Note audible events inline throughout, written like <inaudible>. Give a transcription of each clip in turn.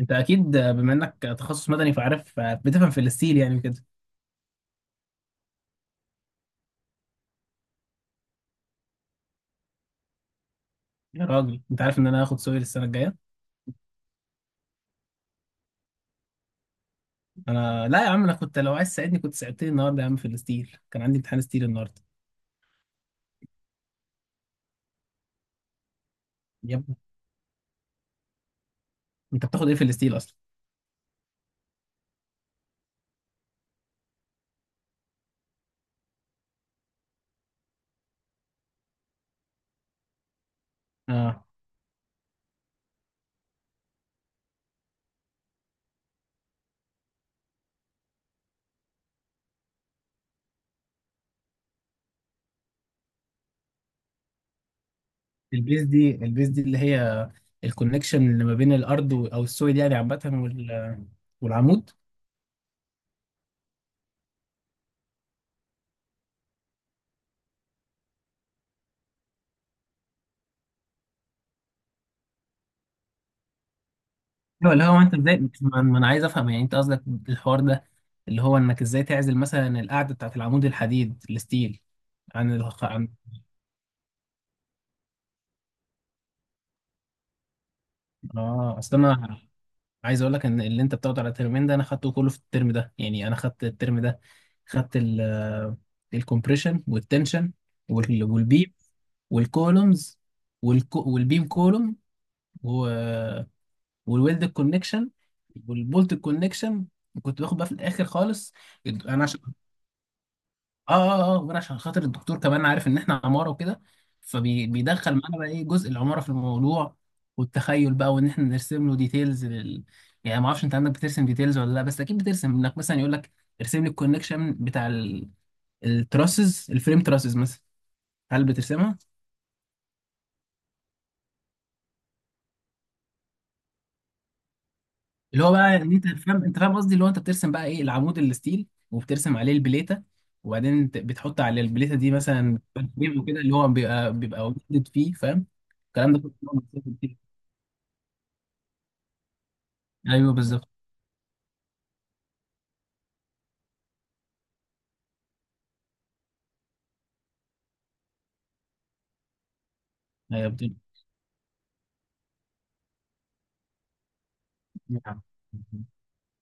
انت اكيد بما انك تخصص مدني فعارف بتفهم في الستيل يعني كده. يا راجل انت عارف ان انا هاخد سوري السنه الجايه. انا لا يا عم، انا كنت لو عايز تساعدني كنت ساعدتني النهارده يا عم في الستيل، كان عندي امتحان ستيل النهارده. يا ابني انت بتاخد ايه في الستيل اصلا؟ اه، البيز دي البيز دي اللي هي الكونكشن اللي ما بين الارض او السويد يعني عامه والعمود. ايوه اللي هو انت ازاي ما انا عايز افهم يعني، انت قصدك الحوار ده اللي هو انك ازاي تعزل مثلا القاعده بتاعت العمود الحديد الستيل عن اه اصل انا عايز اقول لك ان اللي انت بتاخده على الترمين ده انا خدته كله في الترم ده. يعني انا خدت الترم ده، خدت ال الكompression والتنشن والبيم والكولومز والبيم كولوم والويلد كونكشن والبولت كونكشن، وكنت باخد بقى في الاخر خالص. انا عشان اه غير عشان خاطر الدكتور كمان عارف ان احنا عماره وكده، فبيدخل معانا بقى ايه جزء العماره في الموضوع والتخيل بقى، وان احنا نرسم له ديتيلز يعني ما اعرفش انت عندك بترسم ديتيلز ولا لا، بس اكيد بترسم انك مثلا يقول لك ارسم لي الكونكشن بتاع التراسز الفريم تراسز مثلا، هل بترسمها؟ اللي هو بقى ان انت فاهم، انت فاهم قصدي اللي هو انت بترسم بقى ايه العمود الستيل وبترسم عليه البليته، وبعدين بتحط على البليته دي مثلا فريم وكده اللي هو بيبقى بيبقى ويلدد فيه، فاهم الكلام ده كله؟ ايوه بالظبط. هي بتبقى نعم.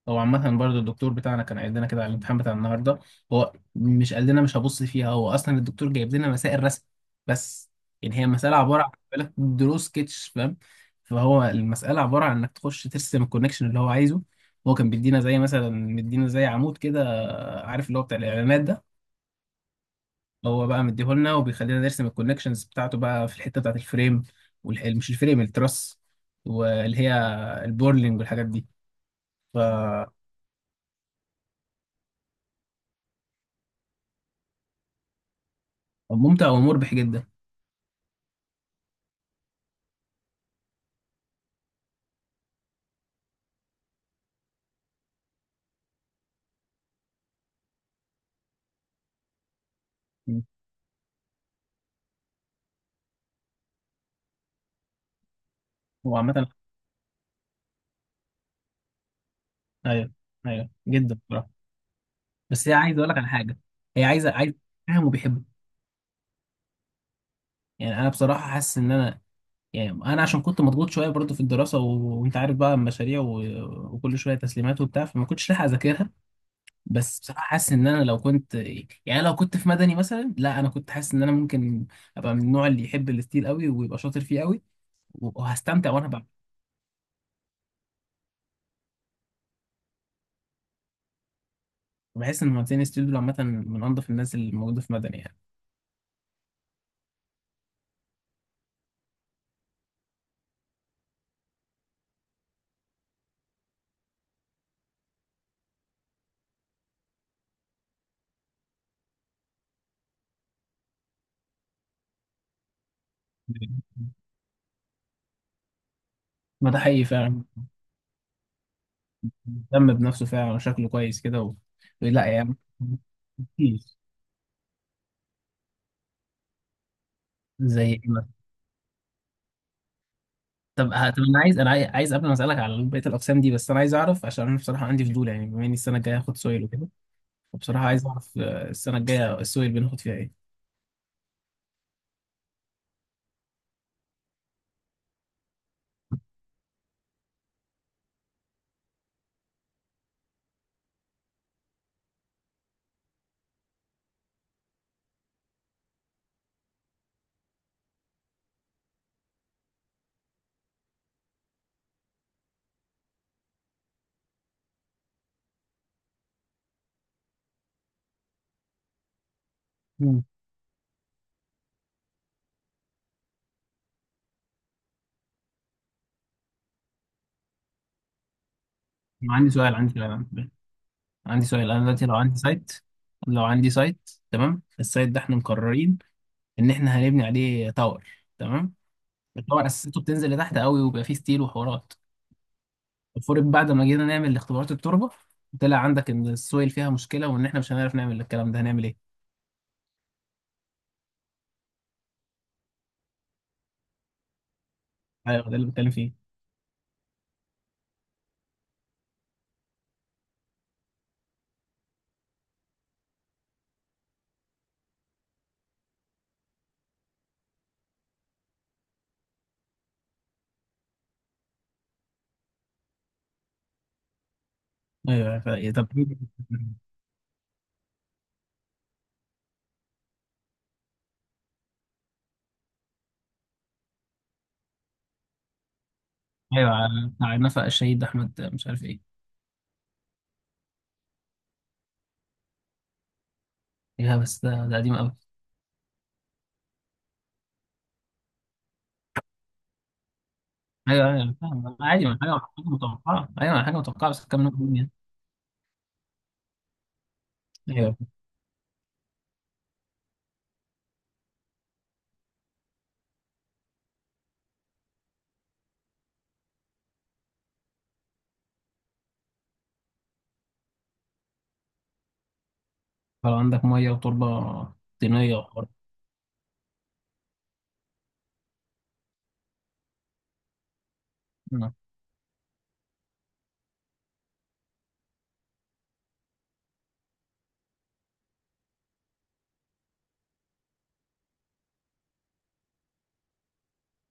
هو عامة برضه الدكتور بتاعنا كان قايل لنا كده على الامتحان بتاع النهارده. هو مش قال لنا مش هبص فيها، هو اصلا الدكتور جايب لنا مسائل رسم بس. يعني هي مسألة عبارة عن بالك دروس سكتش، فاهم؟ فهو المسألة عبارة عن انك تخش ترسم الكونكشن اللي هو عايزه. هو كان بيدينا زي مثلا مدينا زي عمود كده، عارف اللي هو بتاع الاعلانات ده؟ هو بقى مديهولنا وبيخلينا نرسم الكونكشنز بتاعته بقى في الحته بتاعت الفريم مش الفريم التراس، واللي هي البورلينج والحاجات دي. فممتع ومربح جدا. مم. هو عامه ايوه، ايوه جدا بصراحه. بس هي عايز اقول لك على حاجه، هي عايزه عايز فاهم وبيحبه. يعني انا بصراحه حاسس ان انا يعني انا عشان كنت مضغوط شويه برضه في الدراسه وانت عارف بقى المشاريع وكل شويه تسليمات وبتاع، فما كنتش لاحق اذاكرها. بس بصراحه حاسس ان انا لو كنت يعني لو كنت في مدني مثلا، لا انا كنت حاسس ان انا ممكن ابقى من النوع اللي يحب الستيل قوي ويبقى شاطر فيه قوي وهستمتع وانا بعمل. بحس ان مهندسين الستيل دول عامه من انظف الناس اللي موجوده في مدني يعني. <laughs> ما ده حقيقي فعلا، مهتم بنفسه فعلا وشكله كويس كده و... لا يعني كتير. زي ايه مثلا؟ طب طب انا عايز انا عايز قبل ما اسالك على بقيه الاقسام دي، بس انا عايز اعرف عشان انا بصراحه عندي فضول، يعني بما اني السنه الجايه هاخد سويل وكده، فبصراحه عايز اعرف آه، السنه الجايه السويل بناخد فيها ايه؟ عندي سؤال، عندي سؤال، عندي سؤال، انا دلوقتي لو عندي سايت، لو عندي سايت تمام، السايت ده احنا مقررين ان احنا هنبني عليه تاور، تمام؟ التاور اساسته بتنزل لتحت قوي وبيبقى فيه ستيل وحوارات. المفروض بعد ما جينا نعمل اختبارات التربه، طلع عندك ان السويل فيها مشكله وان احنا مش هنعرف نعمل الكلام ده، هنعمل ايه؟ ايوه ده اللي بتكلم فيه. ايوه إيه، طب <laughs> ايوه، بتاع نفق الشهيد احمد مش عارف ايه. ايه بس ده ده قديم قوي. ايوه ايوه فاهم عادي، ما حاجه حاجه متوقعه، ايوه حاجه متوقعه بس كام نقطه يعني. ايوه لو عندك ميه وتربه طينيه وحر. مم.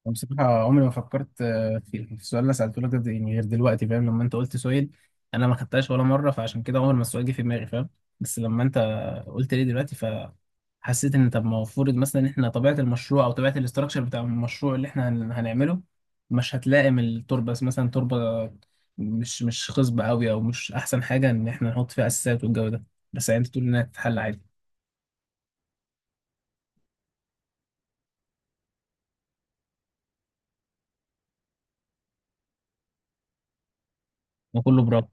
أنا بصراحة عمري ما فكرت آه، في السؤال اللي سألته لك ده يعني غير دلوقتي، فاهم؟ لما أنت قلت سؤال أنا ما خدتهاش ولا مرة، فعشان كده عمر ما السؤال جه في دماغي فاهم. بس لما أنت قلت لي دلوقتي، فحسيت إن طب ما المفروض مثلا إن إحنا طبيعة المشروع أو طبيعة الاستراكشر بتاع المشروع اللي إحنا هنعمله مش هتلائم التربة، بس مثلا تربة مش مش خصبة أوي أو مش أحسن حاجة إن إحنا نحط فيها أساسات والجو ده، بس يعني أنت تقول إنها تتحل عادي وكله برافو.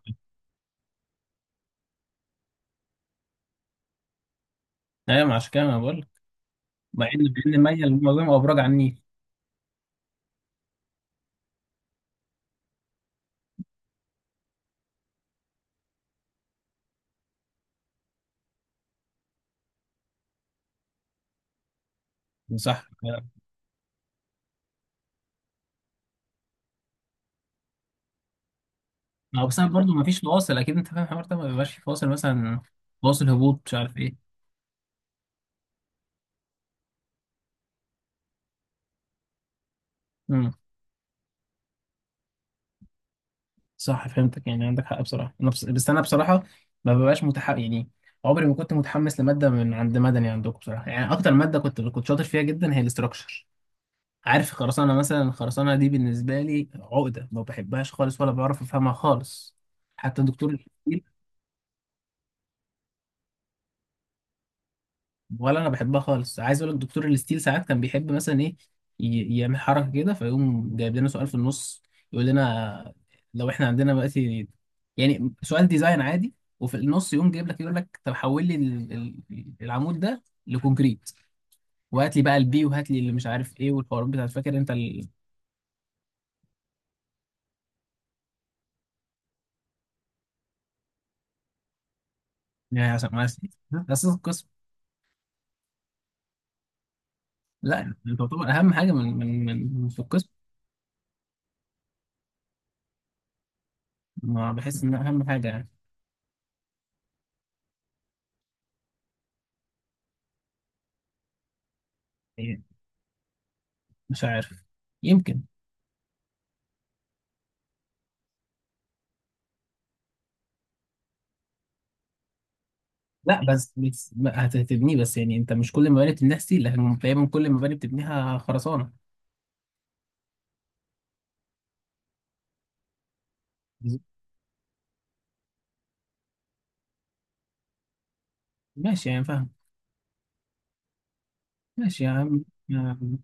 أيوة ما عشان كده أنا بقول، مع ان بين ميه الموضوع بيبقى ابراج على النيل. صح. ما هو بس انا برضه ما فيش فواصل، اكيد انت فاهم الحوار ده، ما بيبقاش في فواصل مثلا، فواصل هبوط مش عارف ايه. امم، صح فهمتك، يعني عندك حق بصراحه. انا بس، انا بصراحه ما ببقاش متحمس يعني. عمري ما كنت متحمس لماده من عند مدني عندكم بصراحه، يعني اكتر ماده كنت كنت شاطر فيها جدا هي الاستراكشر، عارف؟ خرسانه مثلا، الخرسانه دي بالنسبه لي عقده، ما بحبهاش خالص ولا بعرف افهمها خالص. حتى الدكتور، ولا انا بحبها خالص. عايز اقول لك دكتور الاستيل ساعات كان بيحب مثلا ايه، يعمل حركه كده فيقوم جايب لنا سؤال في النص، يقول لنا لو احنا عندنا دلوقتي يعني سؤال ديزاين عادي، وفي النص يقوم جايب لك يقول لك طب حول لي العمود ده لكونكريت، وهات لي بقى البي وهات لي اللي مش عارف ايه والحوارات بتاعت، فاكر انت يعني اساس القسم. لا، انت تعتبر اهم حاجه من في القسم. ما بحس ان اهم حاجه، يعني مش عارف، يمكن. لا بس بس ما هتبنيه، بس يعني انت مش كل المباني بتبنيها ستيل لكن تقريبا كل المباني بتبنيها خرسانه. ماشي يعني فاهم. ماشي يا عم يا عم.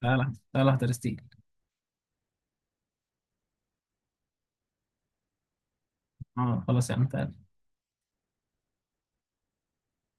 تعالى تعالى احضر ستيل. اه خلاص يا عم تعالى.